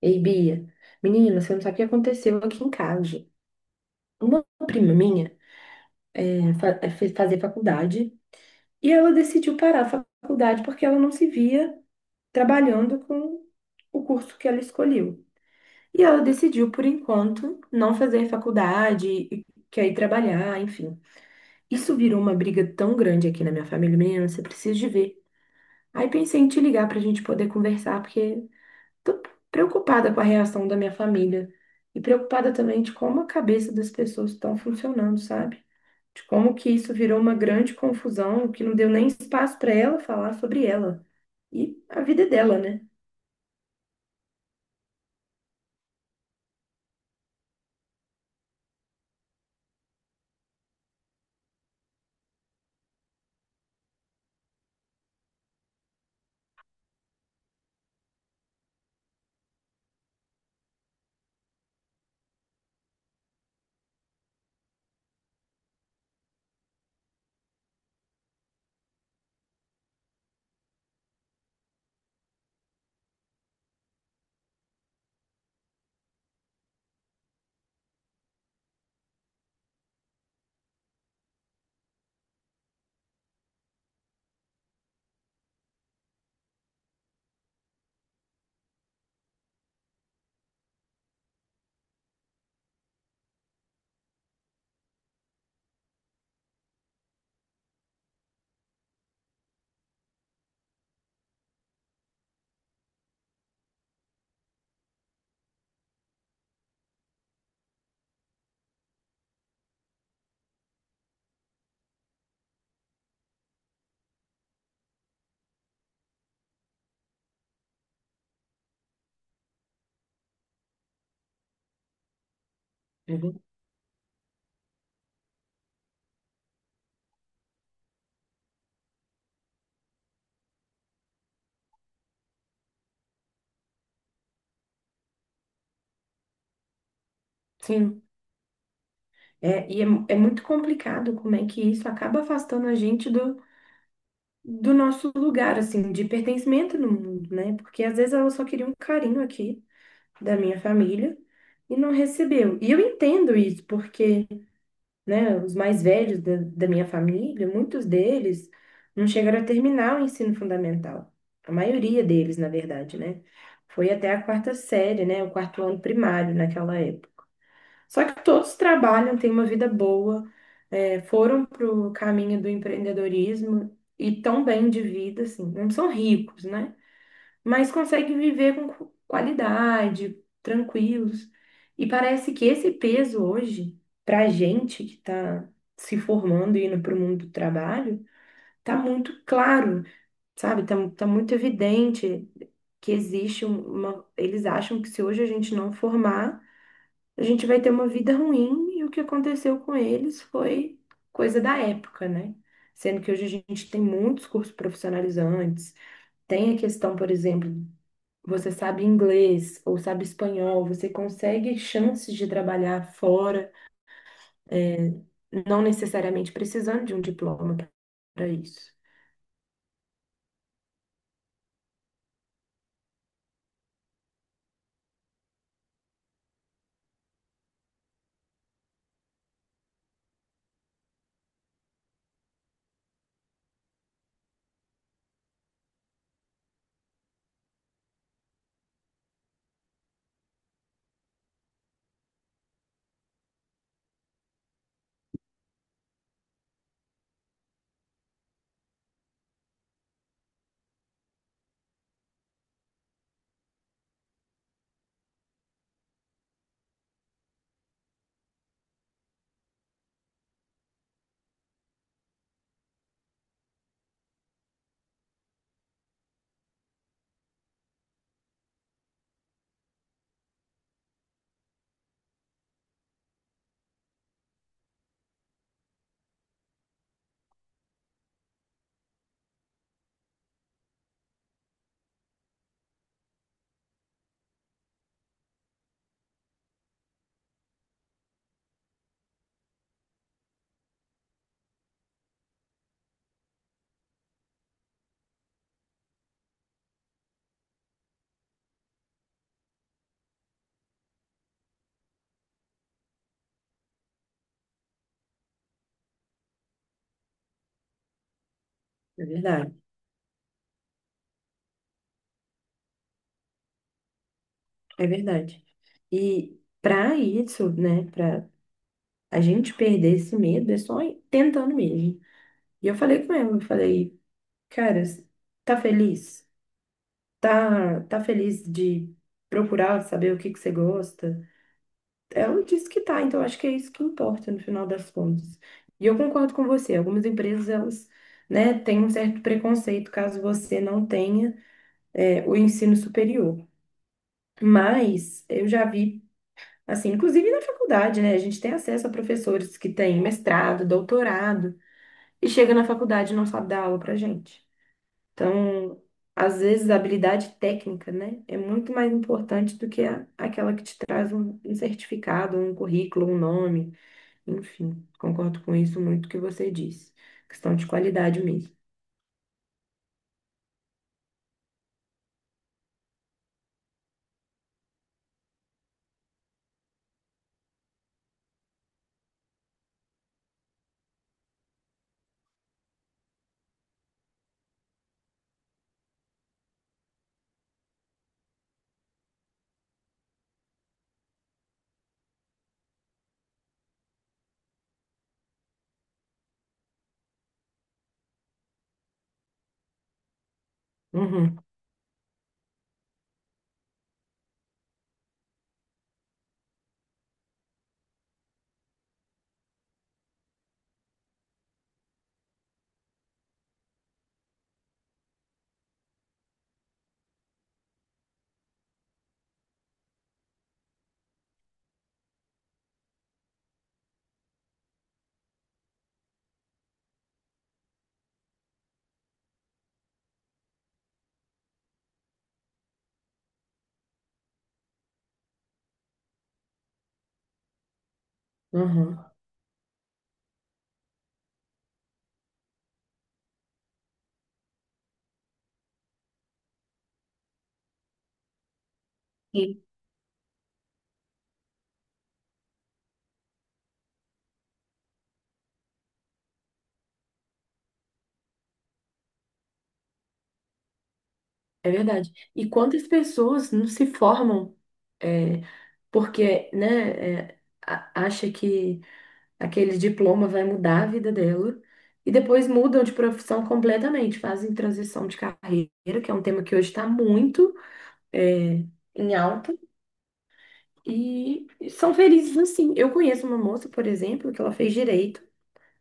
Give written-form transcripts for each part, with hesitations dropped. Ei, Bia, menina, você não sabe o que aconteceu aqui em casa. Uma prima minha eh, fa- eh, fez fazer faculdade e ela decidiu parar a faculdade porque ela não se via trabalhando com o curso que ela escolheu. E ela decidiu, por enquanto, não fazer faculdade e quer ir trabalhar, enfim. Isso virou uma briga tão grande aqui na minha família, menina, você precisa de ver. Aí pensei em te ligar para a gente poder conversar, porque tô preocupada com a reação da minha família e preocupada também de como a cabeça das pessoas estão funcionando, sabe? De como que isso virou uma grande confusão, que não deu nem espaço para ela falar sobre ela e a vida é dela, né? Uhum. Sim, é muito complicado como é que isso acaba afastando a gente do nosso lugar, assim, de pertencimento no mundo, né? Porque às vezes ela só queria um carinho aqui da minha família e não recebeu. E eu entendo isso, porque né, os mais velhos da minha família, muitos deles não chegaram a terminar o ensino fundamental. A maioria deles, na verdade, né? Foi até a quarta série, né? O quarto ano primário naquela época. Só que todos trabalham, têm uma vida boa, foram para o caminho do empreendedorismo e tão bem de vida, assim. Não são ricos, né? Mas consegue viver com qualidade, tranquilos. E parece que esse peso hoje, para a gente que está se formando e indo para o mundo do trabalho, tá muito claro, sabe? Tá muito evidente que existe uma. Eles acham que se hoje a gente não formar, a gente vai ter uma vida ruim, e o que aconteceu com eles foi coisa da época, né? Sendo que hoje a gente tem muitos cursos profissionalizantes, tem a questão, por exemplo, você sabe inglês ou sabe espanhol, você consegue chances de trabalhar fora, é, não necessariamente precisando de um diploma para isso. É verdade, é verdade. E para isso, né, para a gente perder esse medo, é só ir tentando mesmo. E eu falei com ela, eu falei, cara, tá feliz? Tá feliz de procurar saber o que que você gosta? Ela disse que tá, então acho que é isso que importa no final das contas. E eu concordo com você, algumas empresas elas, né, têm um certo preconceito caso você não tenha o ensino superior. Mas eu já vi, assim, inclusive na faculdade, né, a gente tem acesso a professores que têm mestrado, doutorado, e chega na faculdade e não sabe dar aula pra gente. Então, às vezes a habilidade técnica, né, é muito mais importante do que a, aquela que te traz um, certificado, um currículo, um nome. Enfim, concordo com isso muito que você disse. Questão de qualidade mesmo. Uhum, uhum. Sim. É verdade. E quantas pessoas não se formam é, porque, né, é, acha que aquele diploma vai mudar a vida dela e depois mudam de profissão completamente, fazem transição de carreira, que é um tema que hoje está muito é, em alta, e são felizes assim. Eu conheço uma moça, por exemplo, que ela fez direito.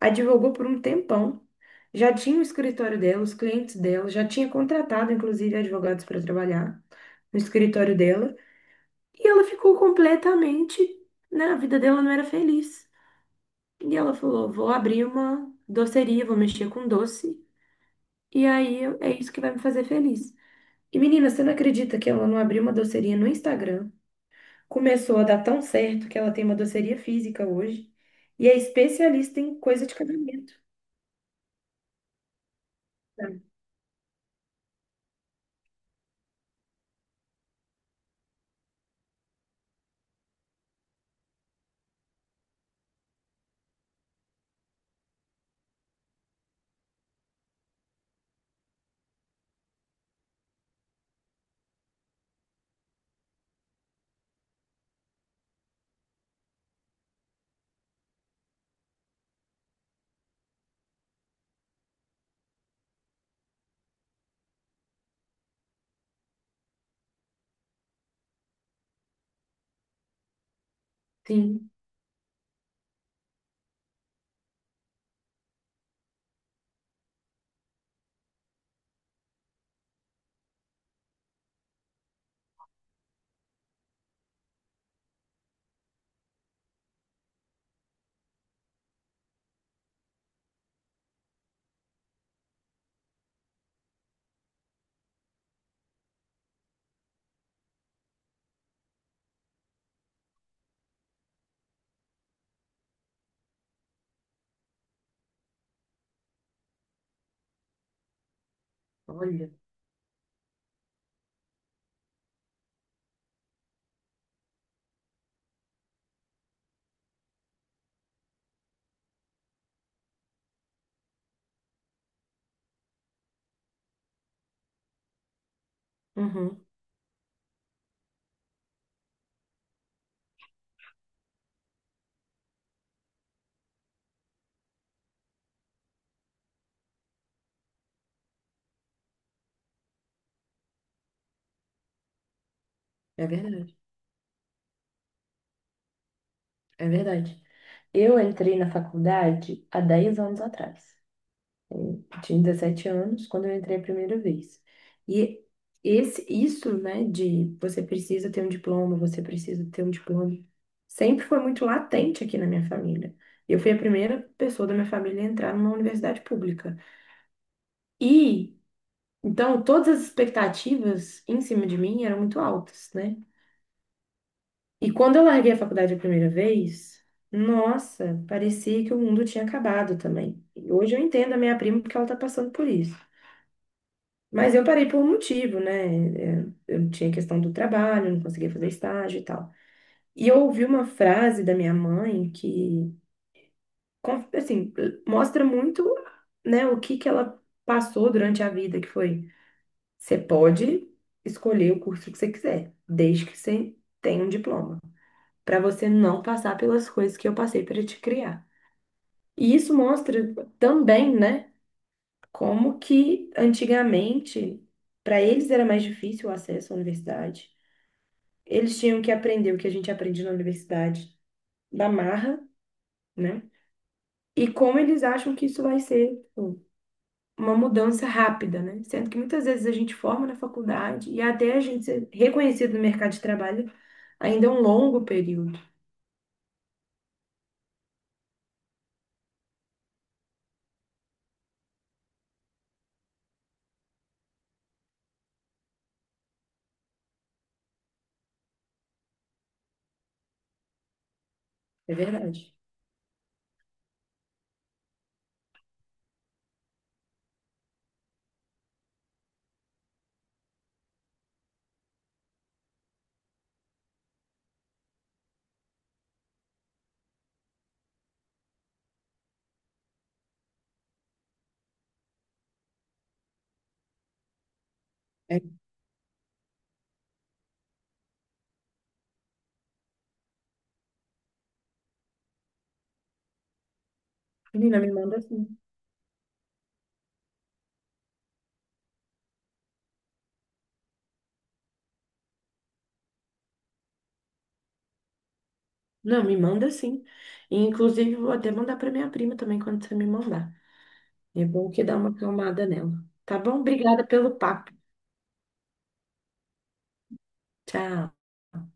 Advogou por um tempão, já tinha o escritório dela, os clientes dela, já tinha contratado, inclusive, advogados para trabalhar no escritório dela, e ela ficou completamente, né, a vida dela não era feliz. E ela falou: vou abrir uma doceria, vou mexer com doce, e aí é isso que vai me fazer feliz. E menina, você não acredita que ela não abriu uma doceria no Instagram? Começou a dar tão certo que ela tem uma doceria física hoje e é especialista em coisa de casamento. Sim, olha. Uhum, é verdade, é verdade. Eu entrei na faculdade há 10 anos atrás. Eu tinha 17 anos quando eu entrei a primeira vez. E esse, isso, né, de você precisa ter um diploma, você precisa ter um diploma, sempre foi muito latente aqui na minha família. Eu fui a primeira pessoa da minha família a entrar numa universidade pública. E, então, todas as expectativas em cima de mim eram muito altas, né? E quando eu larguei a faculdade a primeira vez, nossa, parecia que o mundo tinha acabado também. E hoje eu entendo a minha prima porque ela está passando por isso. Mas eu parei por um motivo, né? Eu tinha questão do trabalho, não conseguia fazer estágio e tal. E eu ouvi uma frase da minha mãe que, assim, mostra muito, né, o que que ela passou durante a vida, que foi, você pode escolher o curso que você quiser, desde que você tenha um diploma. Para você não passar pelas coisas que eu passei para te criar. E isso mostra também, né, como que antigamente para eles era mais difícil o acesso à universidade. Eles tinham que aprender o que a gente aprende na universidade da marra, né? E como eles acham que isso vai ser tipo, uma mudança rápida, né? Sendo que muitas vezes a gente forma na faculdade e até a gente ser reconhecido no mercado de trabalho ainda é um longo período. É verdade. É, menina, me manda assim. Não, me manda sim. E, inclusive, vou até mandar para minha prima também quando você me mandar. É bom que dá uma acalmada nela. Tá bom? Obrigada pelo papo. Tchau.